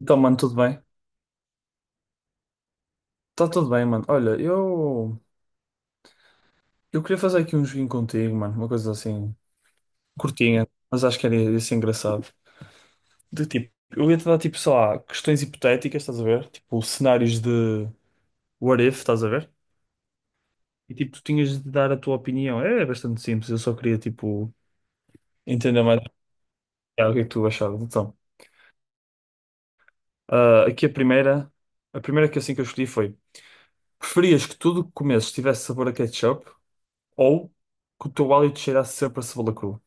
Então, mano, tudo bem? Tá tudo bem, mano. Olha, eu queria fazer aqui um joguinho contigo, mano. Uma coisa assim, curtinha, mas acho que era ia ser engraçado. De tipo, eu ia te dar tipo, sei lá, questões hipotéticas, estás a ver? Tipo, cenários de what if, estás a ver? E tipo, tu tinhas de dar a tua opinião. É, bastante simples, eu só queria tipo entender mais o que é que tu achavas. Então, aqui a primeira que assim que eu escolhi foi: preferias que tudo que comesses tivesse sabor a ketchup ou que o teu hálito cheirasse sempre a cebola crua?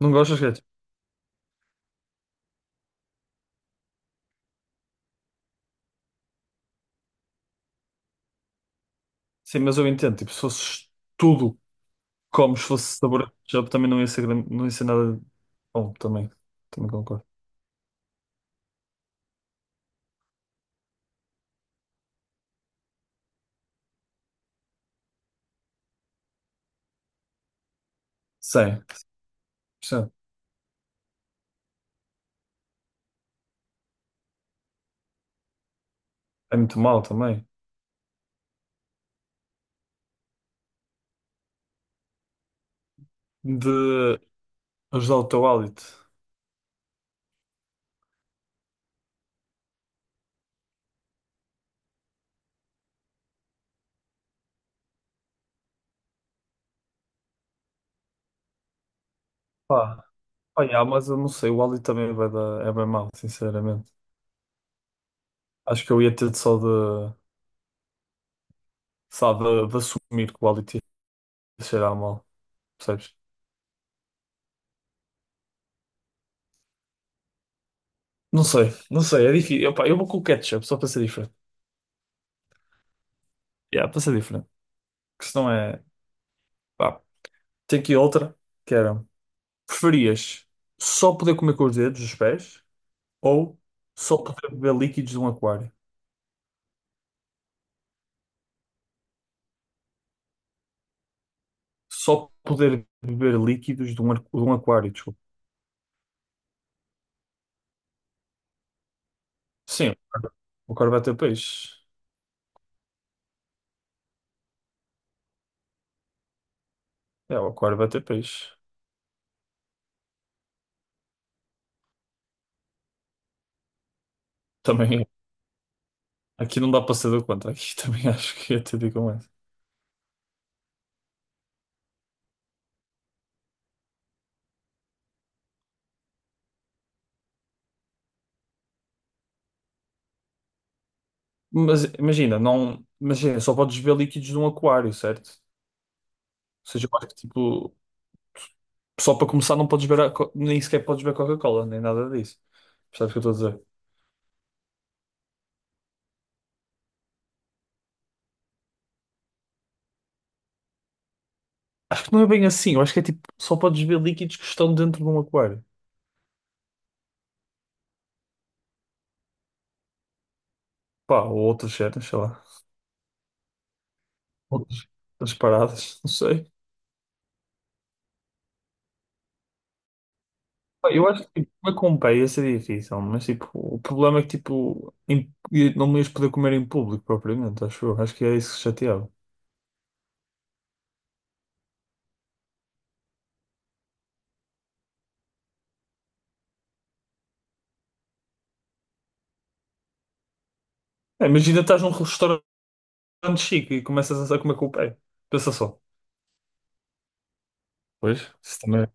Não gostas de ketchup? Sim, mas eu entendo, tipo, se fosses tudo como se fosse sabor de ketchup, também não ia ser, não ia ser nada bom, também. Também concordo. Sim, sim. É muito mal também. De ajudar o teu hálito. Pá, olha, mas eu não sei, o hálito também vai dar, é bem mal, sinceramente. Acho que eu ia ter só de, de assumir que o hálito ia cheirar mal, percebes? Não sei, não sei, é difícil. Eu, pá, eu vou com o ketchup, só para ser diferente. Yeah, para ser diferente. Que se não é. Pá, tem aqui outra, que era. Preferias só poder comer com os dedos, os pés, ou só poder beber líquidos de um aquário? Só poder beber líquidos de um, de um aquário, desculpa. Sim, o aquário vai ter peixe. É, o aquário vai ter peixe. Também, aqui não dá para ser do contra. Aqui também acho que ia ter de ir com essa. Mas imagina, não, imagina, só podes beber líquidos de um aquário, certo? Ou seja, eu acho que tipo, só para começar não podes beber, nem sequer podes beber Coca-Cola, nem nada disso. Percebes o que eu estou a dizer? Acho que não é bem assim. Eu acho que é tipo, só podes ver líquidos que estão dentro de um aquário. Pá, ou outras cenas, sei lá. Outras, outras paradas, não sei. Pá, eu acho que tipo, comer com pé ia ser difícil, mas tipo, o problema é que tipo, não me ias poder comer em público propriamente, acho eu. Acho que é isso que chateava. É, imagina estás num restaurante chique e começas a comer com o pé. Pensa só. Pois, isso também.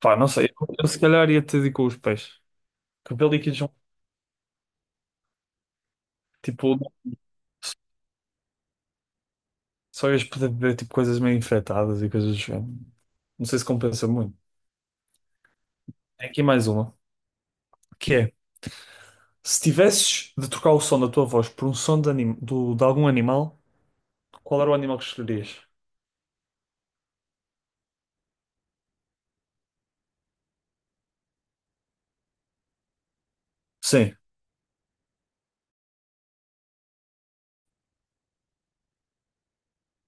Pá, não sei. Eu se calhar ia ter de ir com os pés. Porque ver líquidos, tipo, só ias poder beber tipo, coisas meio infectadas e coisas do género. Não sei se compensa muito. Tem aqui mais uma, que é, se tivesses de trocar o som da tua voz por um som de, de algum animal, qual era o animal que escolherias? Sim,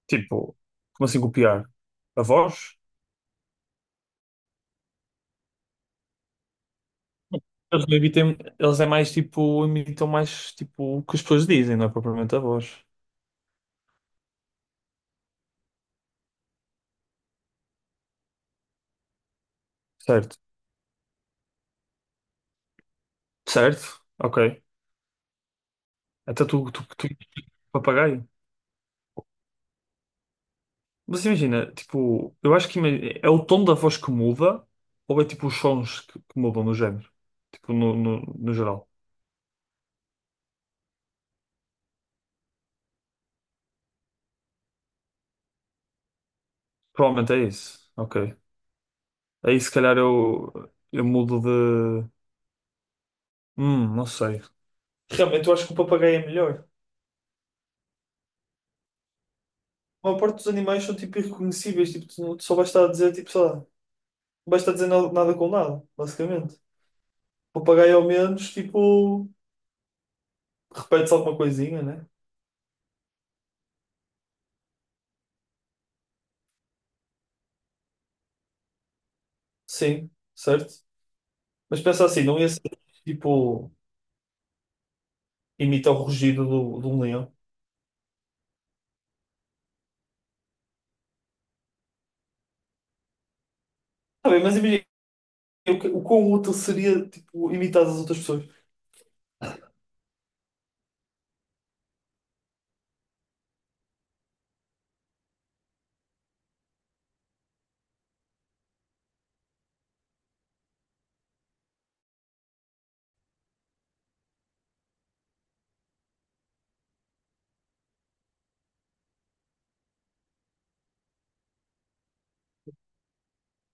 tipo, como assim copiar? A voz? Eles não imitam, eles é mais tipo, imitam mais tipo o que as pessoas dizem, não é propriamente a voz. Certo. Certo? Ok. Até tu, papagaio. Mas imagina, tipo, eu acho que é o tom da voz que muda ou é tipo os sons que mudam no género? Tipo, no geral. Provavelmente é isso. Ok. Aí se calhar eu mudo de. Não sei. Realmente eu acho que o papagaio é melhor. A maior parte dos animais são tipo irreconhecíveis, tipo, tu não- tu só vais estar a dizer, tipo, sei lá, não vais estar a dizer nada, nada com nada, basicamente. O papagaio ao menos, tipo, repete-se alguma coisinha, né? Sim, certo? Mas pensa assim, não ia ser tipo, imita o rugido do, de um leão. Tá bem, mas imagina o quão útil seria, tipo, imitar as outras pessoas.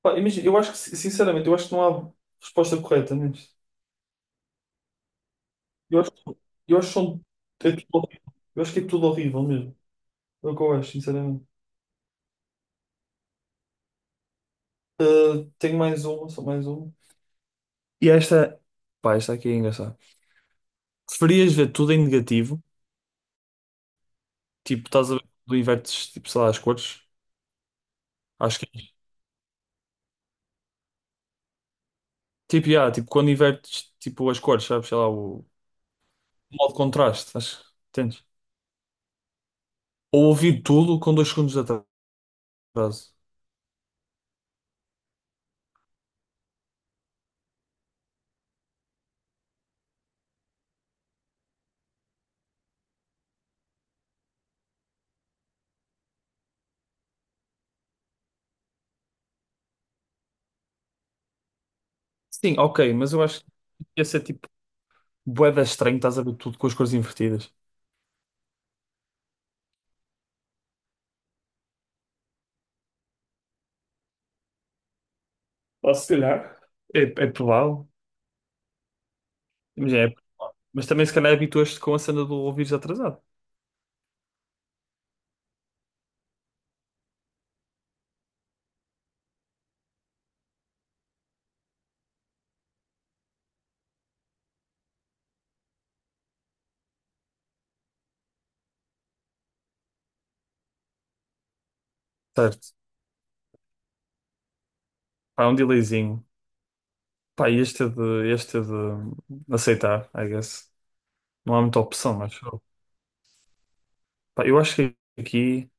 Pá, imagina, eu acho que, sinceramente, eu acho que não há resposta correta nisto. Eu acho, que- eu acho que são- é tudo horrível. Eu acho que é tudo horrível mesmo. É o que eu acho, sinceramente. Ah, tenho mais uma, só mais uma. E esta, pá, esta aqui é engraçada. Preferias ver tudo em negativo? Tipo, estás a ver quando invertes, tipo, sei lá, as cores? Acho que é. Tipo, yeah, tipo, quando invertes, tipo, as cores, sabes? Sei lá, o modo de contraste, acho entendes? Ou ouvir tudo com dois segundos de atraso. Sim, ok, mas eu acho que ia ser tipo bué da estranho, estás a ver tudo com as cores invertidas. Ou se calhar, é provável. Imagina, mas também se calhar habituaste com a cena do ouvires atrasado. Certo. Pá, é um delayzinho. Pá, este é de aceitar, I guess. Não há muita opção, mas pá, eu acho que aqui.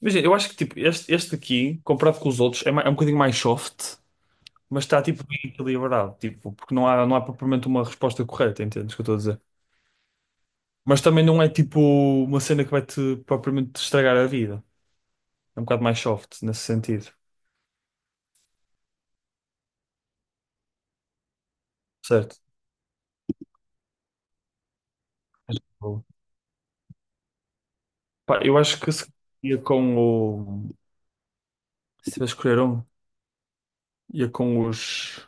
Imagina, eu acho que tipo, este aqui, comparado com os outros, é, é um bocadinho mais soft. Mas está tipo bem equilibrado, tipo, porque não há propriamente uma resposta correta, entendes o que eu estou a dizer? Mas também não é tipo uma cena que vai-te propriamente te estragar a vida. É um bocado mais soft nesse sentido, certo? Mas, tipo, pá, eu acho que se ia com o. Se tivesse que escolher um, ia com os.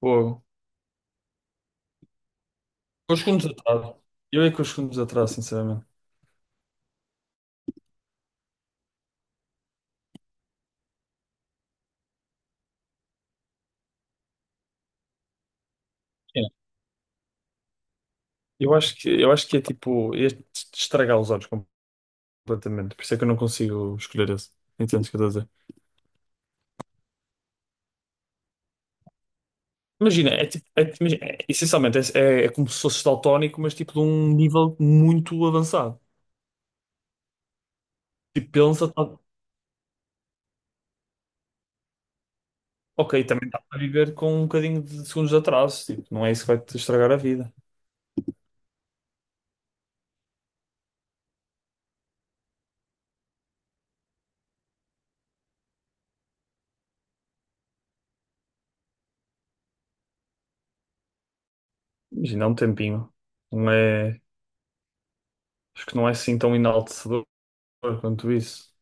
Pô, com os segundos atrás. Eu ia com os segundos atrás, sinceramente. É, eu acho que é tipo ia te estragar os olhos completamente, por isso é que eu não consigo escolher esse. Entendes o que eu estou a dizer? Imagina, imagina, essencialmente é como se fosse daltónico, mas tipo de um nível muito avançado. Tipo, pensa, ok, também está a viver com um bocadinho de segundos de atraso, tipo, não é isso que vai te estragar a vida. Imagina, é um tempinho. Não é, acho que não é assim tão enaltecedor quanto isso.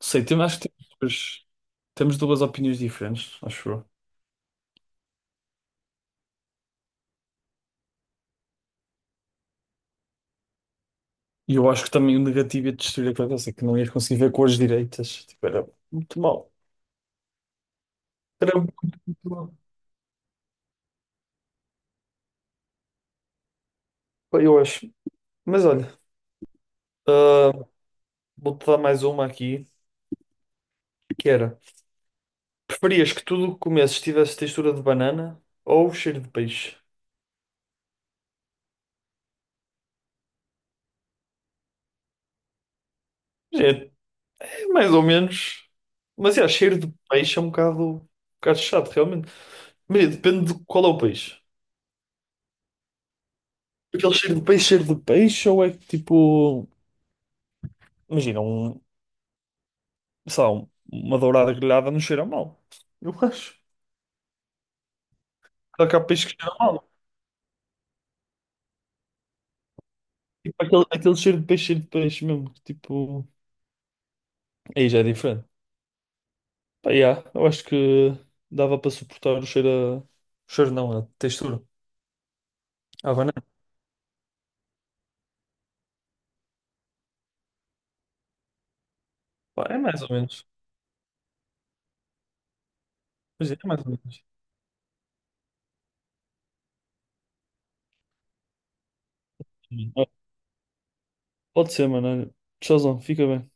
Não sei, acho que temos duas opiniões diferentes, acho eu. E eu acho que também o negativo ia destruir a cabeça, que não ias conseguir ver cores direitas. Tipo, era muito mal. Era muito, muito mal. Eu acho. Mas olha. Ah, vou-te dar mais uma aqui, que era, preferias que tudo o que comesses tivesse textura de banana ou cheiro de peixe? Gente, é mais ou menos, mas é, cheiro de peixe é um bocado chato, realmente. Mas é, depende de qual é o peixe. Aquele cheiro de peixe, ou é que tipo, imagina, sei lá, uma dourada grelhada não cheira mal. Eu acho. Só que há peixe que cheira mal. Tipo, aquele cheiro de peixe mesmo, que, tipo, aí já é diferente. Pá, yeah, eu acho que dava para suportar o cheiro a... O cheiro não, a textura. A banana. Pá, é mais ou menos. Pois é, é mais ou menos. Sim. Pode ser, mano. Olha. Tchauzão, fica bem.